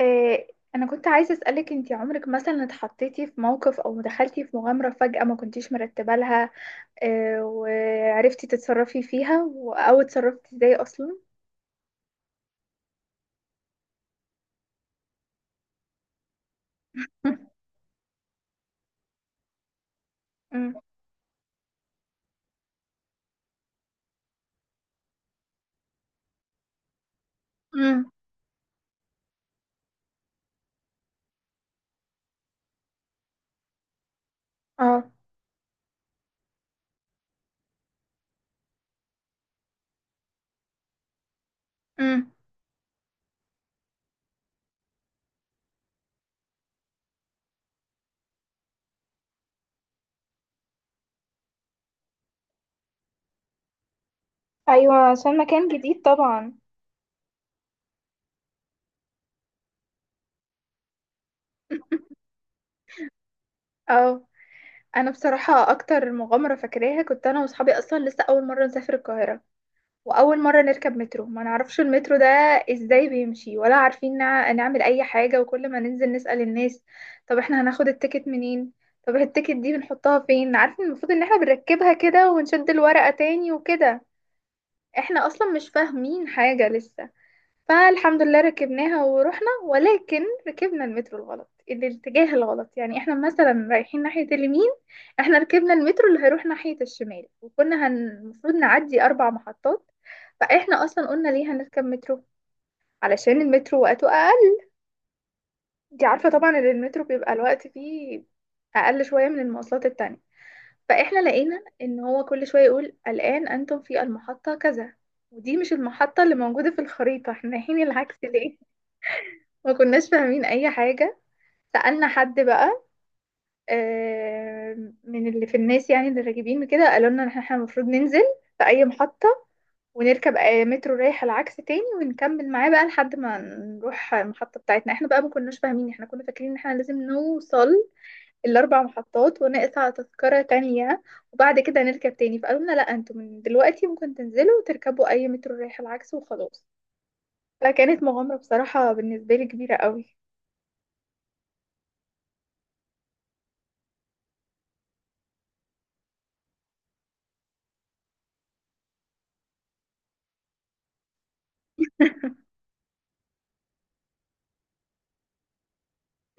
إيه، انا كنت عايزة اسألك، انتي عمرك مثلا اتحطيتي في موقف او دخلتي في مغامرة فجأة ما كنتيش مرتبة لها؟ إيه، وعرفتي تتصرفي فيها او اتصرفتي ازاي اصلا؟ امم. امم. اه. امم. ايوه، عشان مكان جديد طبعا. اه. انا بصراحة اكتر مغامرة فاكراها، كنت انا واصحابي اصلا لسه اول مرة نسافر القاهرة، واول مره نركب مترو، ما نعرفش المترو ده ازاي بيمشي، ولا عارفين نعمل اي حاجه، وكل ما ننزل نسال الناس، طب احنا هناخد التيكت منين؟ طب التيكت دي بنحطها فين؟ عارفين المفروض ان احنا بنركبها كده، ونشد الورقه تاني وكده. احنا اصلا مش فاهمين حاجه لسه. فالحمد لله ركبناها ورحنا، ولكن ركبنا المترو الغلط، الاتجاه الغلط. يعني احنا مثلا رايحين ناحية اليمين، احنا ركبنا المترو اللي هيروح ناحية الشمال، وكنا المفروض نعدي أربع محطات. فاحنا أصلا قلنا ليه هنركب مترو؟ علشان المترو وقته أقل، دي عارفة طبعا ان المترو بيبقى الوقت فيه أقل شوية من المواصلات التانية. فاحنا لقينا ان هو كل شوية يقول الآن أنتم في المحطة كذا، ودي مش المحطة اللي موجودة في الخريطة، احنا رايحين العكس ليه؟ ما كناش فاهمين اي حاجة. سألنا حد بقى، من اللي في الناس، يعني اللي راكبين كده، قالوا لنا ان احنا المفروض ننزل في اي محطة، ونركب مترو رايح العكس تاني، ونكمل معاه بقى لحد ما نروح المحطة بتاعتنا. احنا بقى ما كناش فاهمين، احنا كنا فاكرين ان احنا لازم نوصل الاربع محطات، ونقطع تذكرة تانية، وبعد كده نركب تاني. فقالوا لنا لا، انتوا من دلوقتي ممكن تنزلوا وتركبوا اي مترو رايح العكس وخلاص. فكانت مغامرة بصراحة بالنسبة لي كبيرة قوي.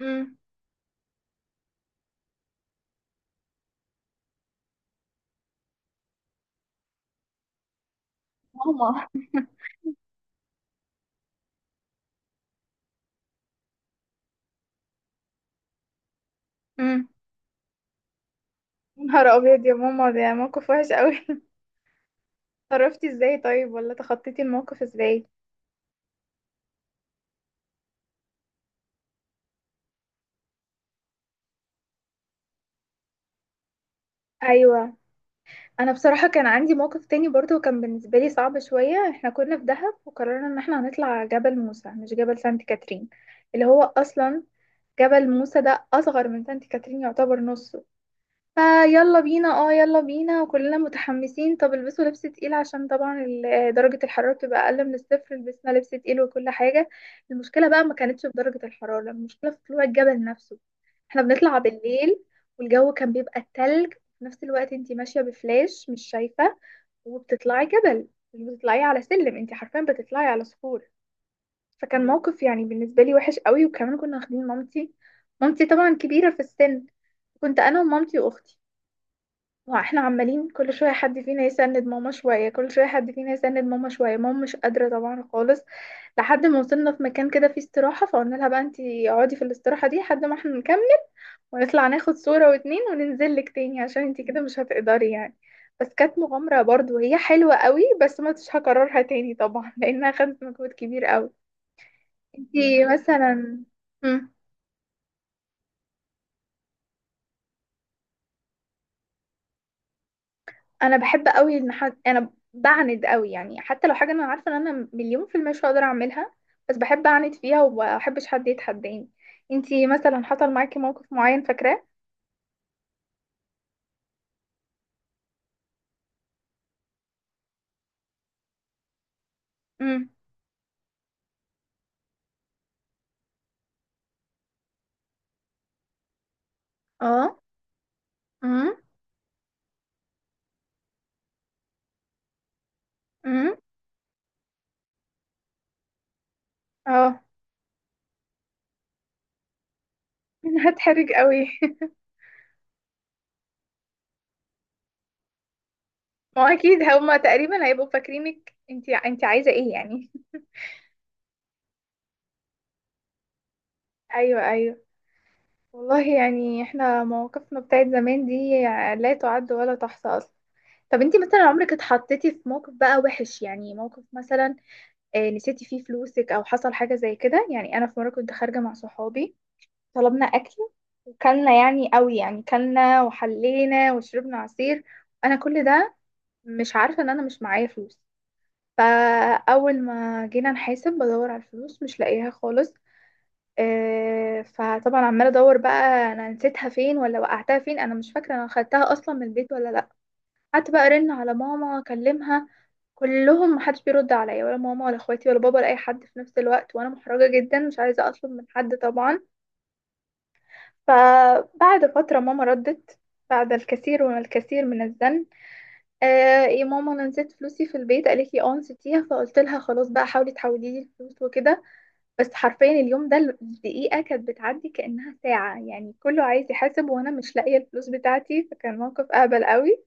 مم. ماما. امم. يا نهار ابيض يا ماما، ده موقف وحش قوي! اتصرفتي ازاي طيب، ولا تخطيتي الموقف ازاي؟ ايوه. انا بصراحه كان عندي موقف تاني برضو، كان بالنسبه لي صعب شويه. احنا كنا في دهب، وقررنا ان احنا هنطلع جبل موسى، مش جبل سانت كاترين. اللي هو اصلا جبل موسى ده اصغر من سانت كاترين، يعتبر نص. فيلا بينا، اه يلا بينا، وكلنا متحمسين. طب البسوا لبس تقيل عشان طبعا درجة الحرارة تبقى أقل من الصفر. لبسنا لبس تقيل وكل حاجة. المشكلة بقى ما كانتش في درجة الحرارة، المشكلة في طلوع الجبل نفسه. احنا بنطلع بالليل، والجو كان بيبقى تلج، في نفس الوقت انتي ماشية بفلاش مش شايفة، وبتطلعي جبل، مش بتطلعي على سلم، انتي حرفيا بتطلعي على صخور. فكان موقف يعني بالنسبة لي وحش قوي، وكمان كنا واخدين مامتي. مامتي طبعا كبيرة في السن. كنت أنا ومامتي وأختي. ما احنا عمالين كل شوية حد فينا يسند ماما شوية، كل شوية حد فينا يسند ماما شوية، ماما مش قادرة طبعا خالص. لحد ما وصلنا في مكان كده فيه استراحة، فقلنا لها بقى انتي اقعدي في الاستراحة دي لحد ما احنا نكمل، ونطلع ناخد صورة واتنين وننزل لك تاني، عشان انتي كده مش هتقدري يعني. بس كانت مغامرة برضو هي حلوة قوي، بس ما كنتش هكررها تاني طبعا لانها خدت مجهود كبير قوي. انتي مثلا، انا بحب قوي ان حد، انا بعند قوي يعني، حتى لو حاجه انا عارفه ان انا مليون في المية مش هقدر اعملها، بس بحب اعند فيها، ومبحبش حد يتحداني. انتي مثلا حصل معاكي موقف معين فاكراه؟ امم. اه. امم. امم. اه. هتحرج قوي. ما هو اكيد هما تقريبا هيبقوا فاكرينك انتي انتي عايزه ايه يعني. ايوه، ايوه. والله يعني احنا مواقفنا بتاعت زمان دي لا تعد ولا تحصى اصلا. طب انتي مثلا عمرك اتحطيتي في موقف بقى وحش، يعني موقف مثلا نسيتي فيه فلوسك او حصل حاجه زي كده؟ يعني انا في مره كنت خارجه مع صحابي، طلبنا اكل، وكلنا يعني قوي يعني، كلنا وحلينا وشربنا عصير، انا كل ده مش عارفه ان انا مش معايا فلوس. فاول ما جينا نحاسب بدور على الفلوس مش لاقيها خالص. فطبعا عماله ادور بقى انا نسيتها فين، ولا وقعتها فين، انا مش فاكره انا خدتها اصلا من البيت ولا لا. قعدت بقى ارن على ماما اكلمها، كلهم محدش بيرد عليا، ولا ماما، ولا اخواتي، ولا بابا، ولا اي حد، في نفس الوقت وانا محرجه جدا مش عايزه اطلب من حد طبعا. فبعد فتره ماما ردت، بعد الكثير والكثير من الزن، آه، يا ماما انا نسيت فلوسي في البيت، قالت لي اه نسيتيها، فقلت لها خلاص بقى حاولي تحولي لي الفلوس وكده. بس حرفيا اليوم ده الدقيقة كانت بتعدي كأنها ساعة، يعني كله عايز يحاسب، وأنا مش لاقية الفلوس بتاعتي، فكان موقف أهبل قوي،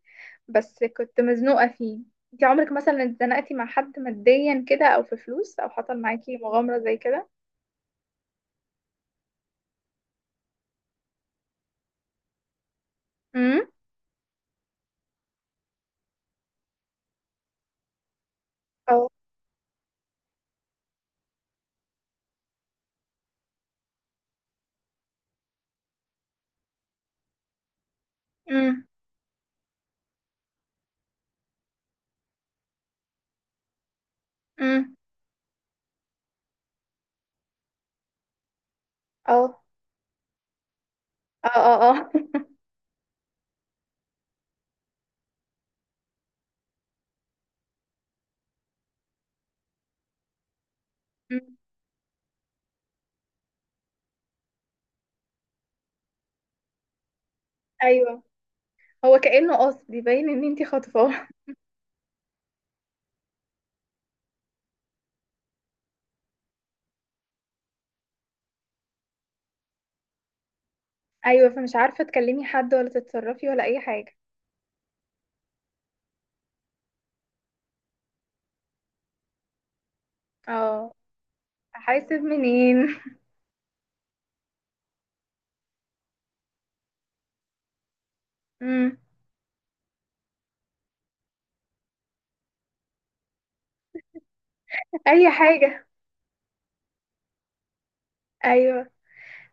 بس كنت مزنوقة فيه. انتي عمرك مثلا اتزنقتي مع حد ماديا كده، أو في فلوس، أو حصل معاكي مغامرة زي كده؟ امم. اه. امم. امم. اه. اه. اه. اه. أمم. أيوه. هو كأنه قصد يبين إن انتي خاطفاه! أيوه، فمش عارفة تكلمي حد، ولا تتصرفي، ولا أي حاجة. اه. أحاسب منين؟ امم. أي حاجة. ايوه.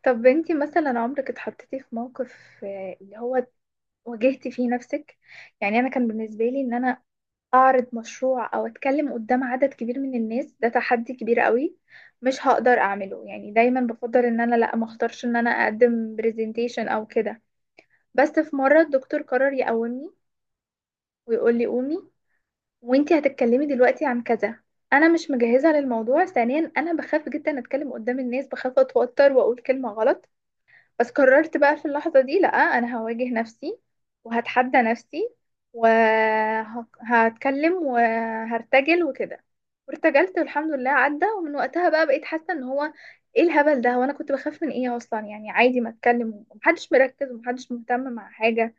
طب انتي مثلا عمرك اتحطيتي في موقف اللي هو واجهتي فيه نفسك؟ يعني انا كان بالنسبه لي ان انا اعرض مشروع او اتكلم قدام عدد كبير من الناس ده تحدي كبير قوي، مش هقدر اعمله، يعني دايما بفضل ان انا لا، ما اختارش ان انا اقدم برزنتيشن او كده. بس في مره الدكتور قرر يقومني، ويقول لي قومي، وانتي هتتكلمي دلوقتي عن كذا. انا مش مجهزه للموضوع، ثانيا انا بخاف جدا اتكلم قدام الناس، بخاف اتوتر واقول كلمه غلط. بس قررت بقى في اللحظة دي لأ، أنا هواجه نفسي، وهتحدى نفسي، وهتكلم وهرتجل وكده. وارتجلت والحمد لله عدى، ومن وقتها بقى بقيت حاسة ان هو ايه الهبل ده، وانا كنت بخاف من ايه اصلا، يعني عادي ما اتكلم، ومحدش مركز ومحدش مهتم مع حاجة،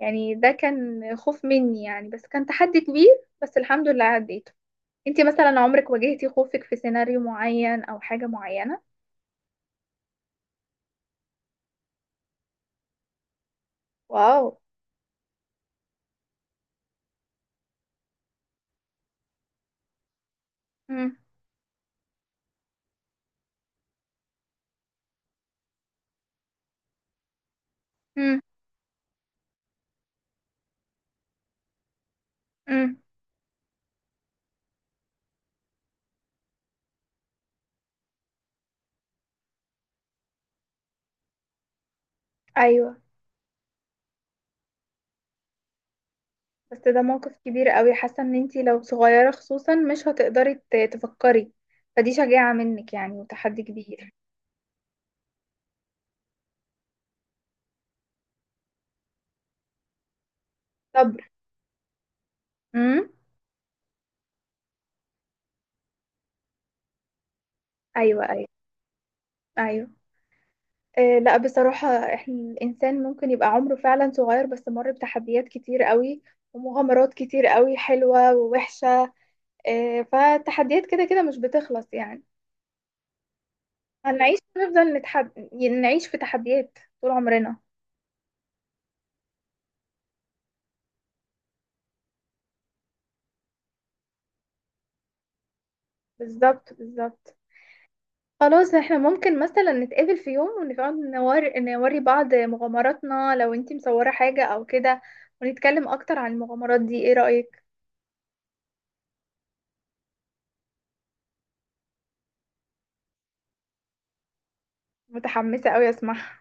يعني ده كان خوف مني يعني، بس كان تحدي كبير، بس الحمد لله عديته. انتي مثلا عمرك واجهتي خوفك في سيناريو معين او حاجة معينة؟ واو. مم. مم. مم. ايوه، بس ده موقف كبير قوي، حاسه ان انتي لو صغيره خصوصا مش هتقدري تفكري. فدي شجاعه منك يعني، وتحدي كبير. صبر. امم. ايوه، ايوه. ايوه. آه لا بصراحه. احنا الانسان ممكن يبقى عمره فعلا صغير، بس مر بتحديات كتير قوي، ومغامرات كتير قوي حلوه ووحشه. آه، فالتحديات كده كده مش بتخلص يعني، هنعيش نفضل نعيش في تحديات طول عمرنا. بالظبط، بالظبط. خلاص احنا ممكن مثلا نتقابل في يوم ونقعد نوري بعض مغامراتنا لو انتي مصورة حاجة او كده، ونتكلم اكتر عن المغامرات دي، ايه رأيك؟ متحمسة اوي اسمعها.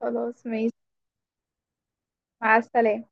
خلاص ماشي. مع السلامة.